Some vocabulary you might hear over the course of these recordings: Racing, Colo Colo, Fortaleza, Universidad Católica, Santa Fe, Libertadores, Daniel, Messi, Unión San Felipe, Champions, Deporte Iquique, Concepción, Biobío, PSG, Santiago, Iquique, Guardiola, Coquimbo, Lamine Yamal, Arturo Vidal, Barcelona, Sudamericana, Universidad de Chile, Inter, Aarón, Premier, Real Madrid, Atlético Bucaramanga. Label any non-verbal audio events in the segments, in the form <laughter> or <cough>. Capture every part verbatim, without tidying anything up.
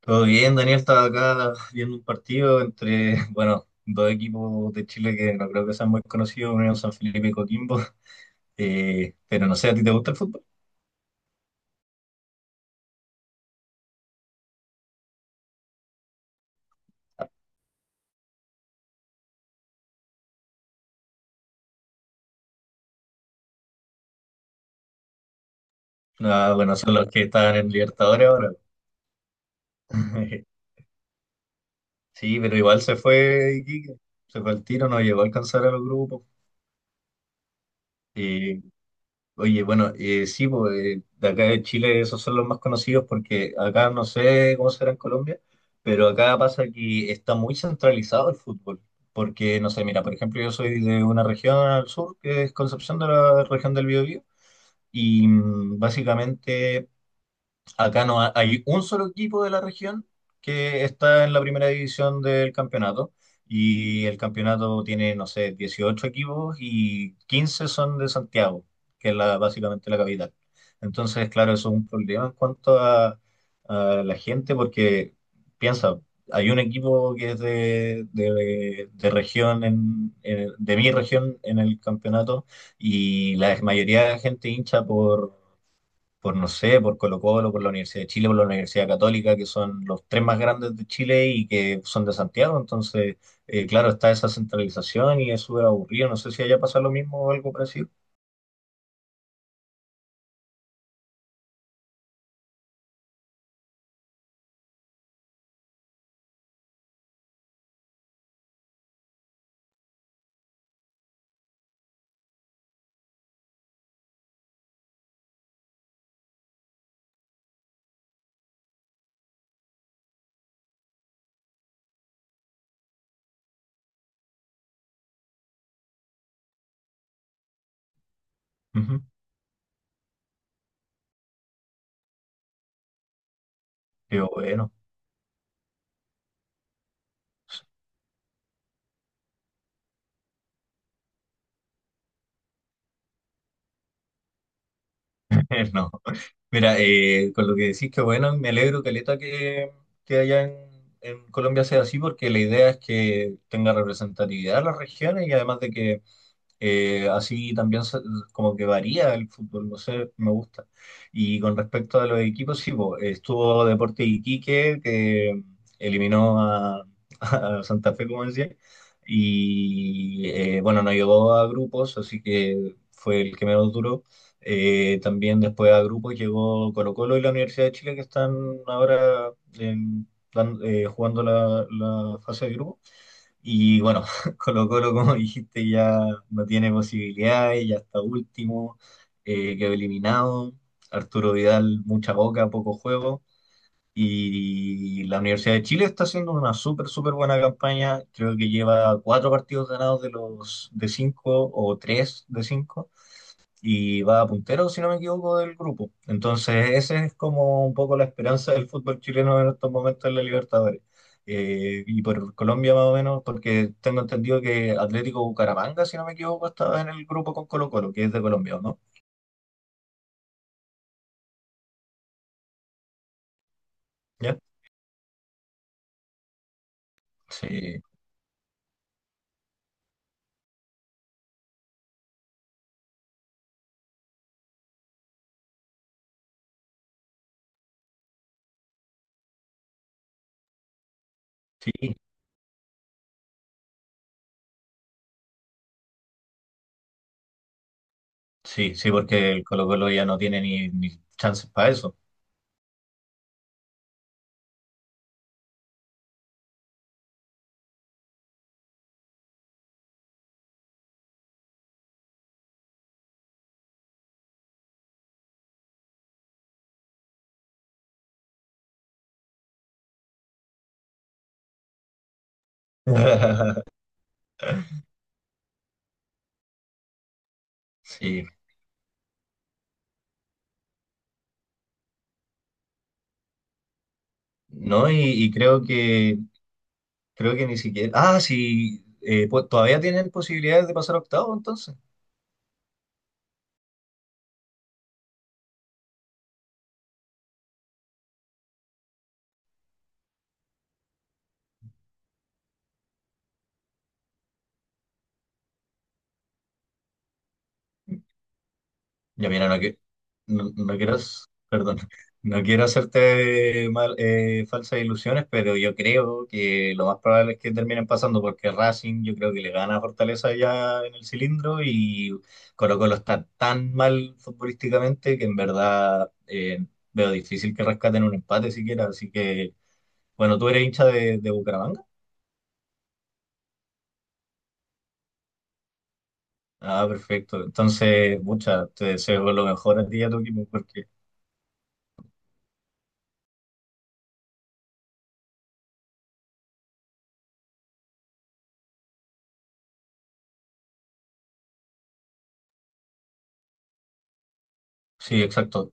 Todo bien, Daniel estaba acá viendo un partido entre, <laughs> bueno, dos equipos de Chile que no creo que sean muy conocidos, Unión San Felipe y Coquimbo. Eh, pero no sé, ¿a ti te gusta el fútbol? Ah, bueno, son los que están en Libertadores ahora. <laughs> Sí, pero igual se fue Iquique, se fue al tiro, no llegó a alcanzar a los grupos. Eh, Oye, bueno, eh, sí, pues, eh, de acá de Chile esos son los más conocidos, porque acá no sé cómo será en Colombia, pero acá pasa que está muy centralizado el fútbol. Porque, no sé, mira, por ejemplo, yo soy de una región al sur, que es Concepción, de la región del Biobío, y mm, básicamente acá no ha- hay un solo equipo de la región que está en la primera división del campeonato, y el campeonato tiene, no sé, dieciocho equipos y quince son de Santiago, que es la, básicamente la capital. Entonces, claro, eso es un problema en cuanto a, a, la gente, porque piensa, hay un equipo que es de, de- de región, en- en- de mi región en el campeonato, y la mayoría de la gente hincha por, no sé, por Colo Colo, por la Universidad de Chile, por la Universidad Católica, que son los tres más grandes de Chile y que son de Santiago. Entonces, eh, claro, está esa centralización y es súper aburrido. No sé si allá pasa lo mismo o algo parecido. Ujú. Pero bueno, <laughs> no. Mira, eh, con lo que decís, que bueno, me alegro, Caleta, que, que, allá en, en Colombia sea así, porque la idea es que tenga representatividad las regiones, y además de que Eh, así también se- como que varía el fútbol, no sé, me gusta. Y con respecto a los equipos, sí, po, estuvo Deporte Iquique, que eliminó a, <laughs> a Santa Fe, como decía, y eh, bueno, no llegó a grupos, así que fue el que menos duró. Eh, también después a grupos llegó Colo-Colo y la Universidad de Chile, que están ahora en- dan- eh, jugando la, la fase de grupo. Y bueno, <laughs> Colo Colo, como dijiste, ya no tiene posibilidades, ya está último, eh, quedó eliminado. Arturo Vidal, mucha boca, poco juego. Y la Universidad de Chile está haciendo una súper, súper buena campaña. Creo que lleva cuatro partidos ganados de los de cinco, o tres de cinco, y va puntero, si no me equivoco, del grupo. Entonces, esa es como un poco la esperanza del fútbol chileno en estos momentos en la Libertadores. Eh, y por Colombia más o menos, porque tengo entendido que Atlético Bucaramanga, si no me equivoco, estaba en el grupo con Colo-Colo, que es de Colombia, ¿o no? ¿Ya? Sí, sí, sí, sí, porque el Colo-Colo ya no tiene ni, ni, chances para eso. <laughs> Sí, no, y, y creo que creo que ni siquiera. Ah, sí, eh, pues todavía tienen posibilidades de pasar a octavo, entonces. Ya mira, no, que, no, no quiero, <laughs> s- perdón, no quiero hacerte mal, eh, falsas ilusiones, pero yo creo que lo más probable es que terminen pasando, porque Racing yo creo que le gana a Fortaleza ya en el cilindro, y Colo Colo está tan mal futbolísticamente que en verdad, eh, veo difícil que rescaten un empate siquiera. Así que, bueno, tú eres hincha de, de, Bucaramanga. Ah, perfecto. Entonces, mucha, te deseo lo mejor a ti y a tu equipo, porque, sí, exacto.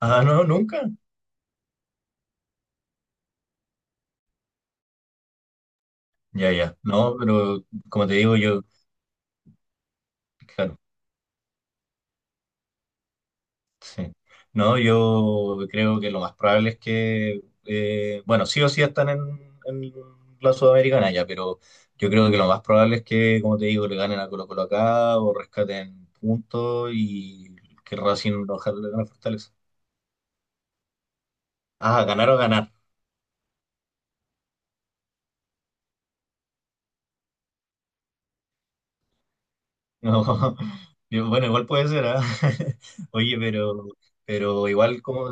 Ah, no, nunca. Ya, ya. No, pero como te digo, yo, claro, sí. No, yo creo que lo más probable es que, eh, bueno, sí o sí están en, en, la Sudamericana ya, pero yo creo que lo más probable es que, como te digo, le ganen a Colo Colo acá o rescaten puntos, y que Racing ojalá le gane a Fortaleza. Ah, ganar o ganar. No. <laughs> Yo, Bueno, igual puede ser, ¿ah? <laughs> Oye, pero, pero, igual como,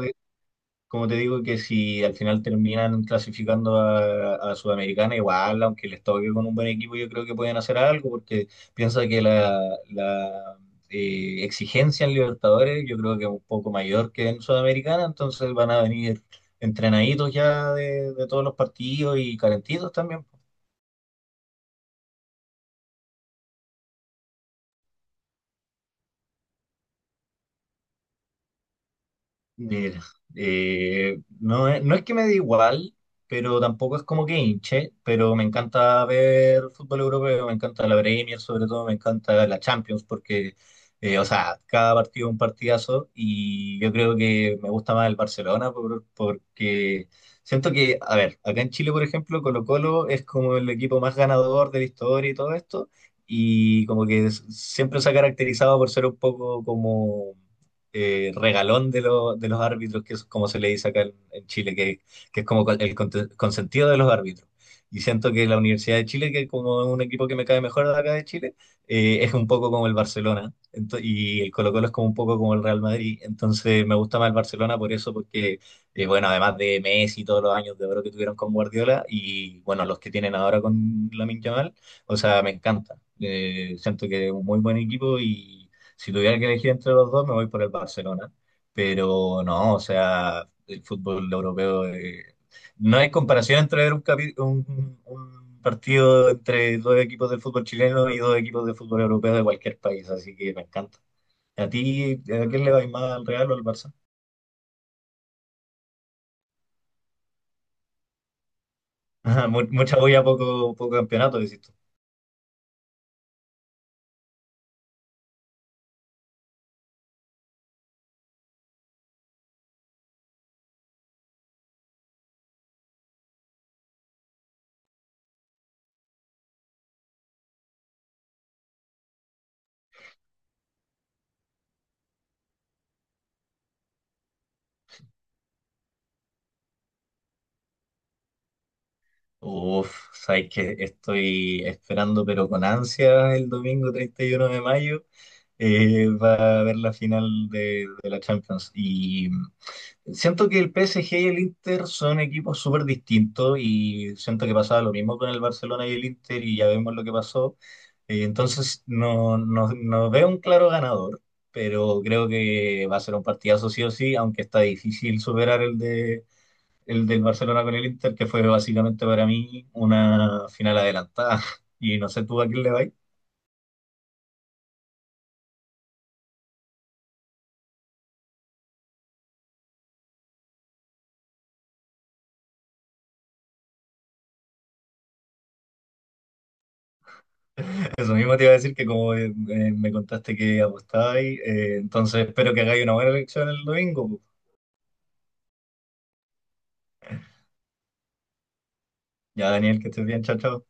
como te digo, que si al final terminan clasificando a, a Sudamericana, igual, aunque les toque con un buen equipo, yo creo que pueden hacer algo, porque piensa que la, la, eh, exigencia en Libertadores yo creo que es un poco mayor que en Sudamericana, entonces van a venir entrenaditos ya de, de todos los partidos y calentitos también. Mira, eh, no es, no es que me dé igual, pero tampoco es como que hinche, pero me encanta ver fútbol europeo, me encanta la Premier, sobre todo me encanta la Champions, porque, eh, o sea, cada partido es un partidazo, y yo creo que me gusta más el Barcelona por- porque siento que, a ver, acá en Chile, por ejemplo, Colo-Colo es como el equipo más ganador de la historia y todo esto, y como que s- siempre se ha caracterizado por ser un poco como, eh, regalón de, lo- de los árbitros, que es como se le dice acá en, en, Chile, que, que es como con- el conte- consentido de los árbitros. Y siento que la Universidad de Chile, que como es un equipo que me cae mejor de acá de Chile, eh, es un poco como el Barcelona. Ento- y el Colo-Colo es como un poco como el Real Madrid. Entonces me gusta más el Barcelona por eso, porque, eh, bueno, además de Messi, todos los años de oro que tuvieron con Guardiola, y, bueno, los que tienen ahora con Lamine Yamal, o sea, me encanta. Eh, siento que es un muy buen equipo, y si tuviera que elegir entre los dos, me voy por el Barcelona. Pero no, o sea, el fútbol europeo, eh, no hay comparación entre ver un, capi- un- un partido entre dos equipos del fútbol chileno y dos equipos de fútbol europeo de cualquier país, así que me encanta. ¿A ti, a quién le vais más, al Real o al Barça? <laughs> Ajá, mu- mucha bulla, poco, poco campeonato, decís tú. Uf, sabéis que estoy esperando, pero con ansia, el domingo treinta y uno de mayo eh, va a haber la final de, de, la Champions. Y mm, siento que el P S G y el Inter son equipos súper distintos. Y siento que pasaba lo mismo con el Barcelona y el Inter, y ya vemos lo que pasó. Eh, entonces, no, no, no veo un claro ganador, pero creo que va a ser un partidazo sí o sí, aunque está difícil superar el de, el del Barcelona con el Inter, que fue básicamente para mí una final adelantada. <laughs> Y no sé tú a quién le vais. <laughs> Eso mismo te iba a decir, que como eh, eh, me contaste que apostabais, eh, entonces espero que hagáis una buena elección el domingo, pues. Ya, Daniel, que estés bien, chao, chao.